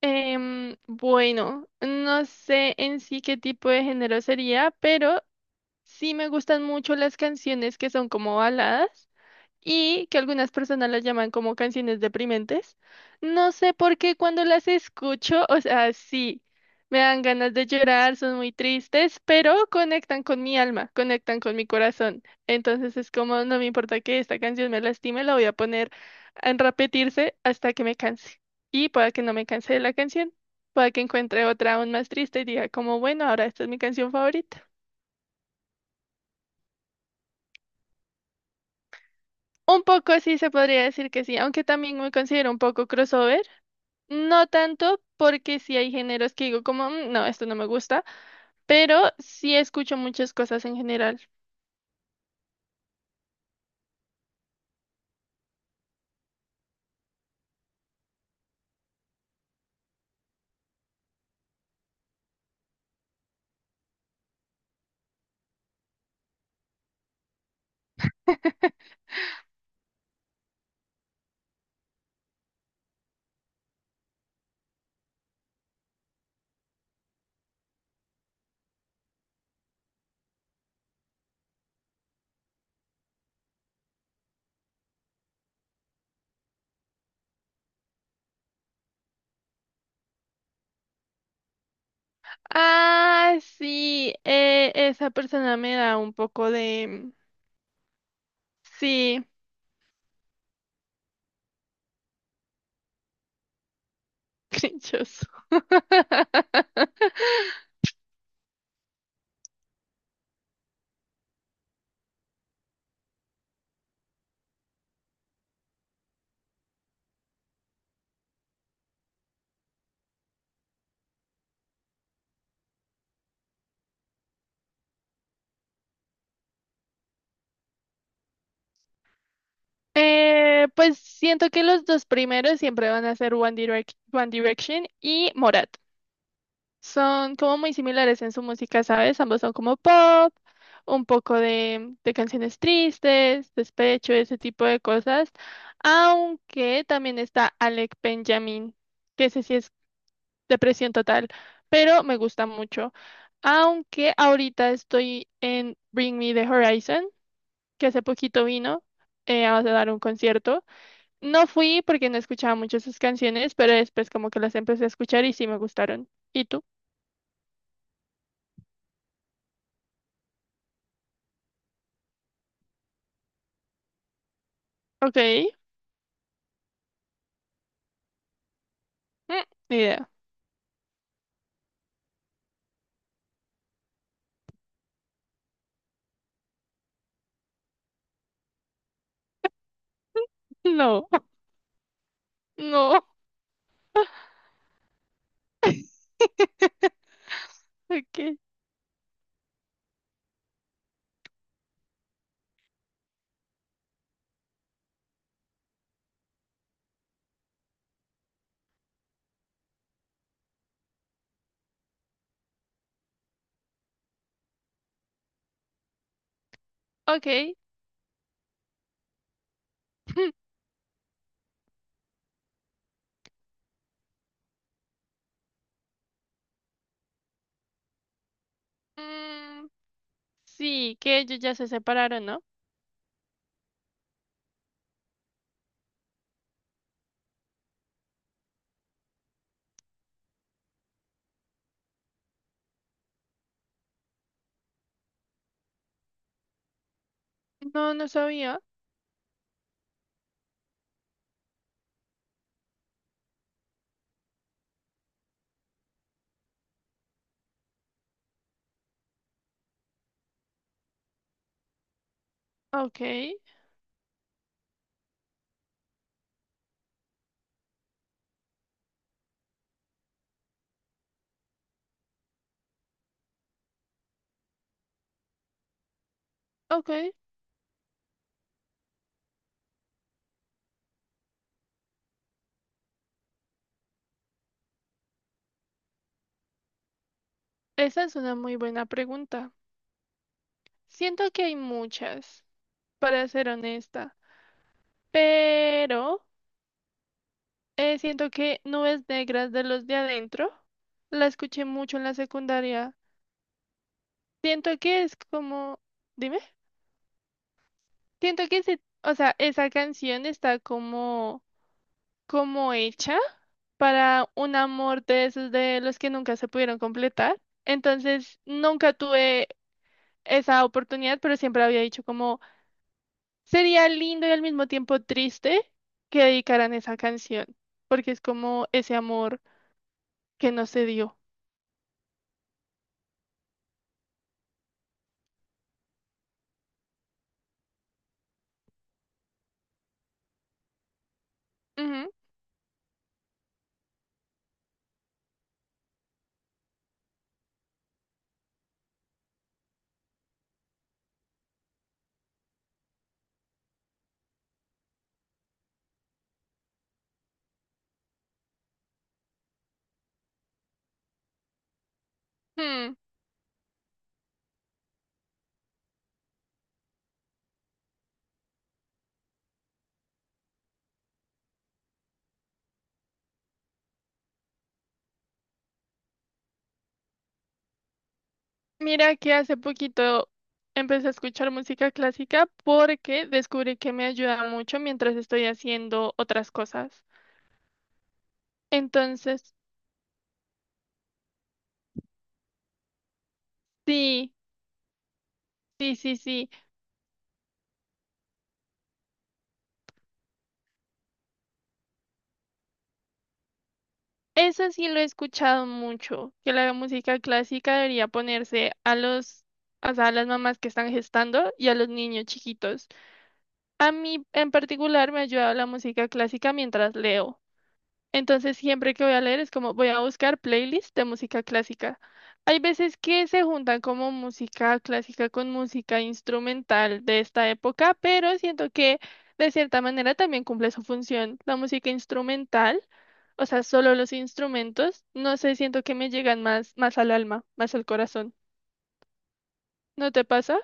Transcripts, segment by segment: Bueno, no sé en sí qué tipo de género sería, pero sí me gustan mucho las canciones que son como baladas y que algunas personas las llaman como canciones deprimentes. No sé por qué cuando las escucho, o sea, sí, me dan ganas de llorar, son muy tristes, pero conectan con mi alma, conectan con mi corazón. Entonces es como, no me importa que esta canción me lastime, la voy a poner en repetirse hasta que me canse. Y pueda que no me canse de la canción, pueda que encuentre otra aún más triste y diga como, bueno, ahora esta es mi canción favorita. Un poco sí se podría decir que sí, aunque también me considero un poco crossover. No tanto porque sí hay géneros que digo como, "Mm, no, esto no me gusta", pero sí escucho muchas cosas en general. Ah, sí, esa persona me da un poco de... Sí, crinchoso. Pues siento que los dos primeros siempre van a ser One Direction y Morat. Son como muy similares en su música, ¿sabes? Ambos son como pop, un poco de canciones tristes, despecho, ese tipo de cosas. Aunque también está Alec Benjamin, que ese sí es depresión total, pero me gusta mucho. Aunque ahorita estoy en Bring Me the Horizon, que hace poquito vino a dar un concierto. No fui porque no escuchaba mucho sus canciones, pero después como que las empecé a escuchar y sí me gustaron. ¿Y tú? Ok. Mm, Ni idea. No, no. Ok. Ok. Mm, sí, que ellos ya se separaron, ¿no? No, no sabía. Ok. Ok. Esa es una muy buena pregunta. Siento que hay muchas, para ser honesta. Pero siento que Nubes Negras de los de adentro la escuché mucho en la secundaria. Siento que es como. Dime. Siento que se. O sea, esa canción está como, como hecha para un amor de esos de los que nunca se pudieron completar. Entonces, nunca tuve esa oportunidad, pero siempre había dicho como sería lindo y al mismo tiempo triste que dedicaran esa canción, porque es como ese amor que no se dio. Ujú. Hmm. Mira que hace poquito empecé a escuchar música clásica porque descubrí que me ayuda mucho mientras estoy haciendo otras cosas. Entonces, sí, sí, sí. Eso sí lo he escuchado mucho, que la música clásica debería ponerse a los, o sea, a las mamás que están gestando y a los niños chiquitos. A mí en particular me ayuda la música clásica mientras leo. Entonces, siempre que voy a leer es como voy a buscar playlists de música clásica. Hay veces que se juntan como música clásica con música instrumental de esta época, pero siento que de cierta manera también cumple su función. La música instrumental, o sea, solo los instrumentos, no sé, siento que me llegan más, más al alma, más al corazón. ¿No te pasa?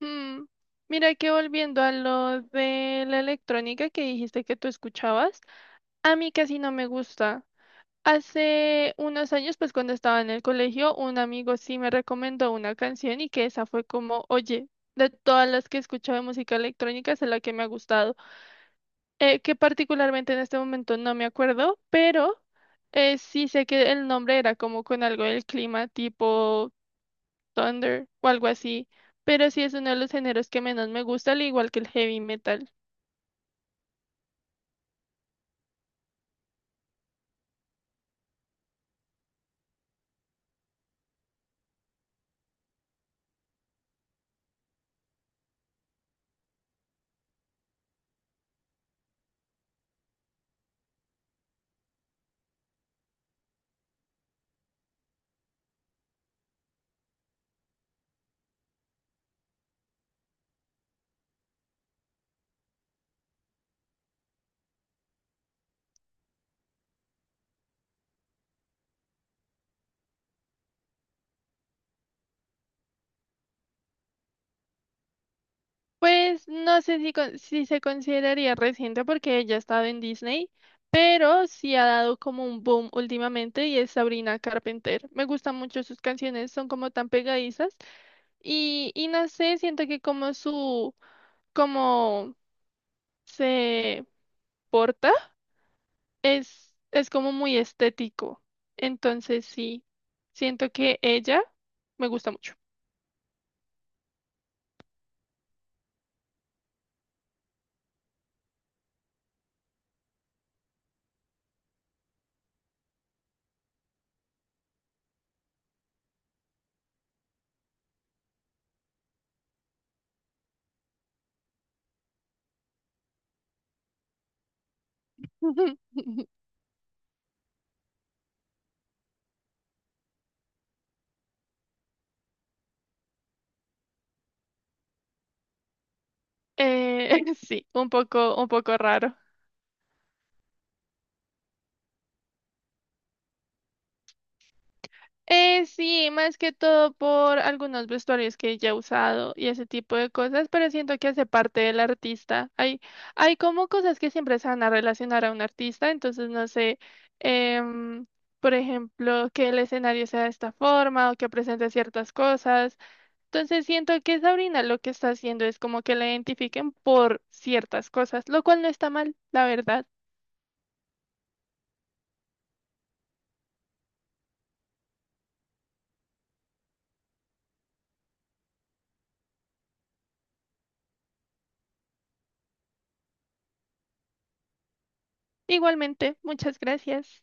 Mm, Mira que volviendo a lo de la electrónica que dijiste que tú escuchabas, a mí casi no me gusta. Hace unos años, pues cuando estaba en el colegio, un amigo sí me recomendó una canción y que esa fue como, oye, de todas las que he escuchado de música electrónica, esa es la que me ha gustado. Que particularmente en este momento no me acuerdo, pero sí sé que el nombre era como con algo del clima, tipo Thunder o algo así. Pero sí es uno de los géneros que menos me gusta, al igual que el heavy metal. Pues no sé si, si se consideraría reciente porque ella ha estado en Disney, pero sí ha dado como un boom últimamente y es Sabrina Carpenter. Me gustan mucho sus canciones, son como tan pegadizas y no sé, siento que como su, como se porta es como muy estético. Entonces sí, siento que ella me gusta mucho. Sí, un poco raro. Sí, más que todo por algunos vestuarios que ya he usado y ese tipo de cosas, pero siento que hace parte del artista. Hay como cosas que siempre se van a relacionar a un artista, entonces no sé, em, por ejemplo, que el escenario sea de esta forma o que presente ciertas cosas. Entonces siento que Sabrina lo que está haciendo es como que la identifiquen por ciertas cosas, lo cual no está mal, la verdad. Igualmente, muchas gracias.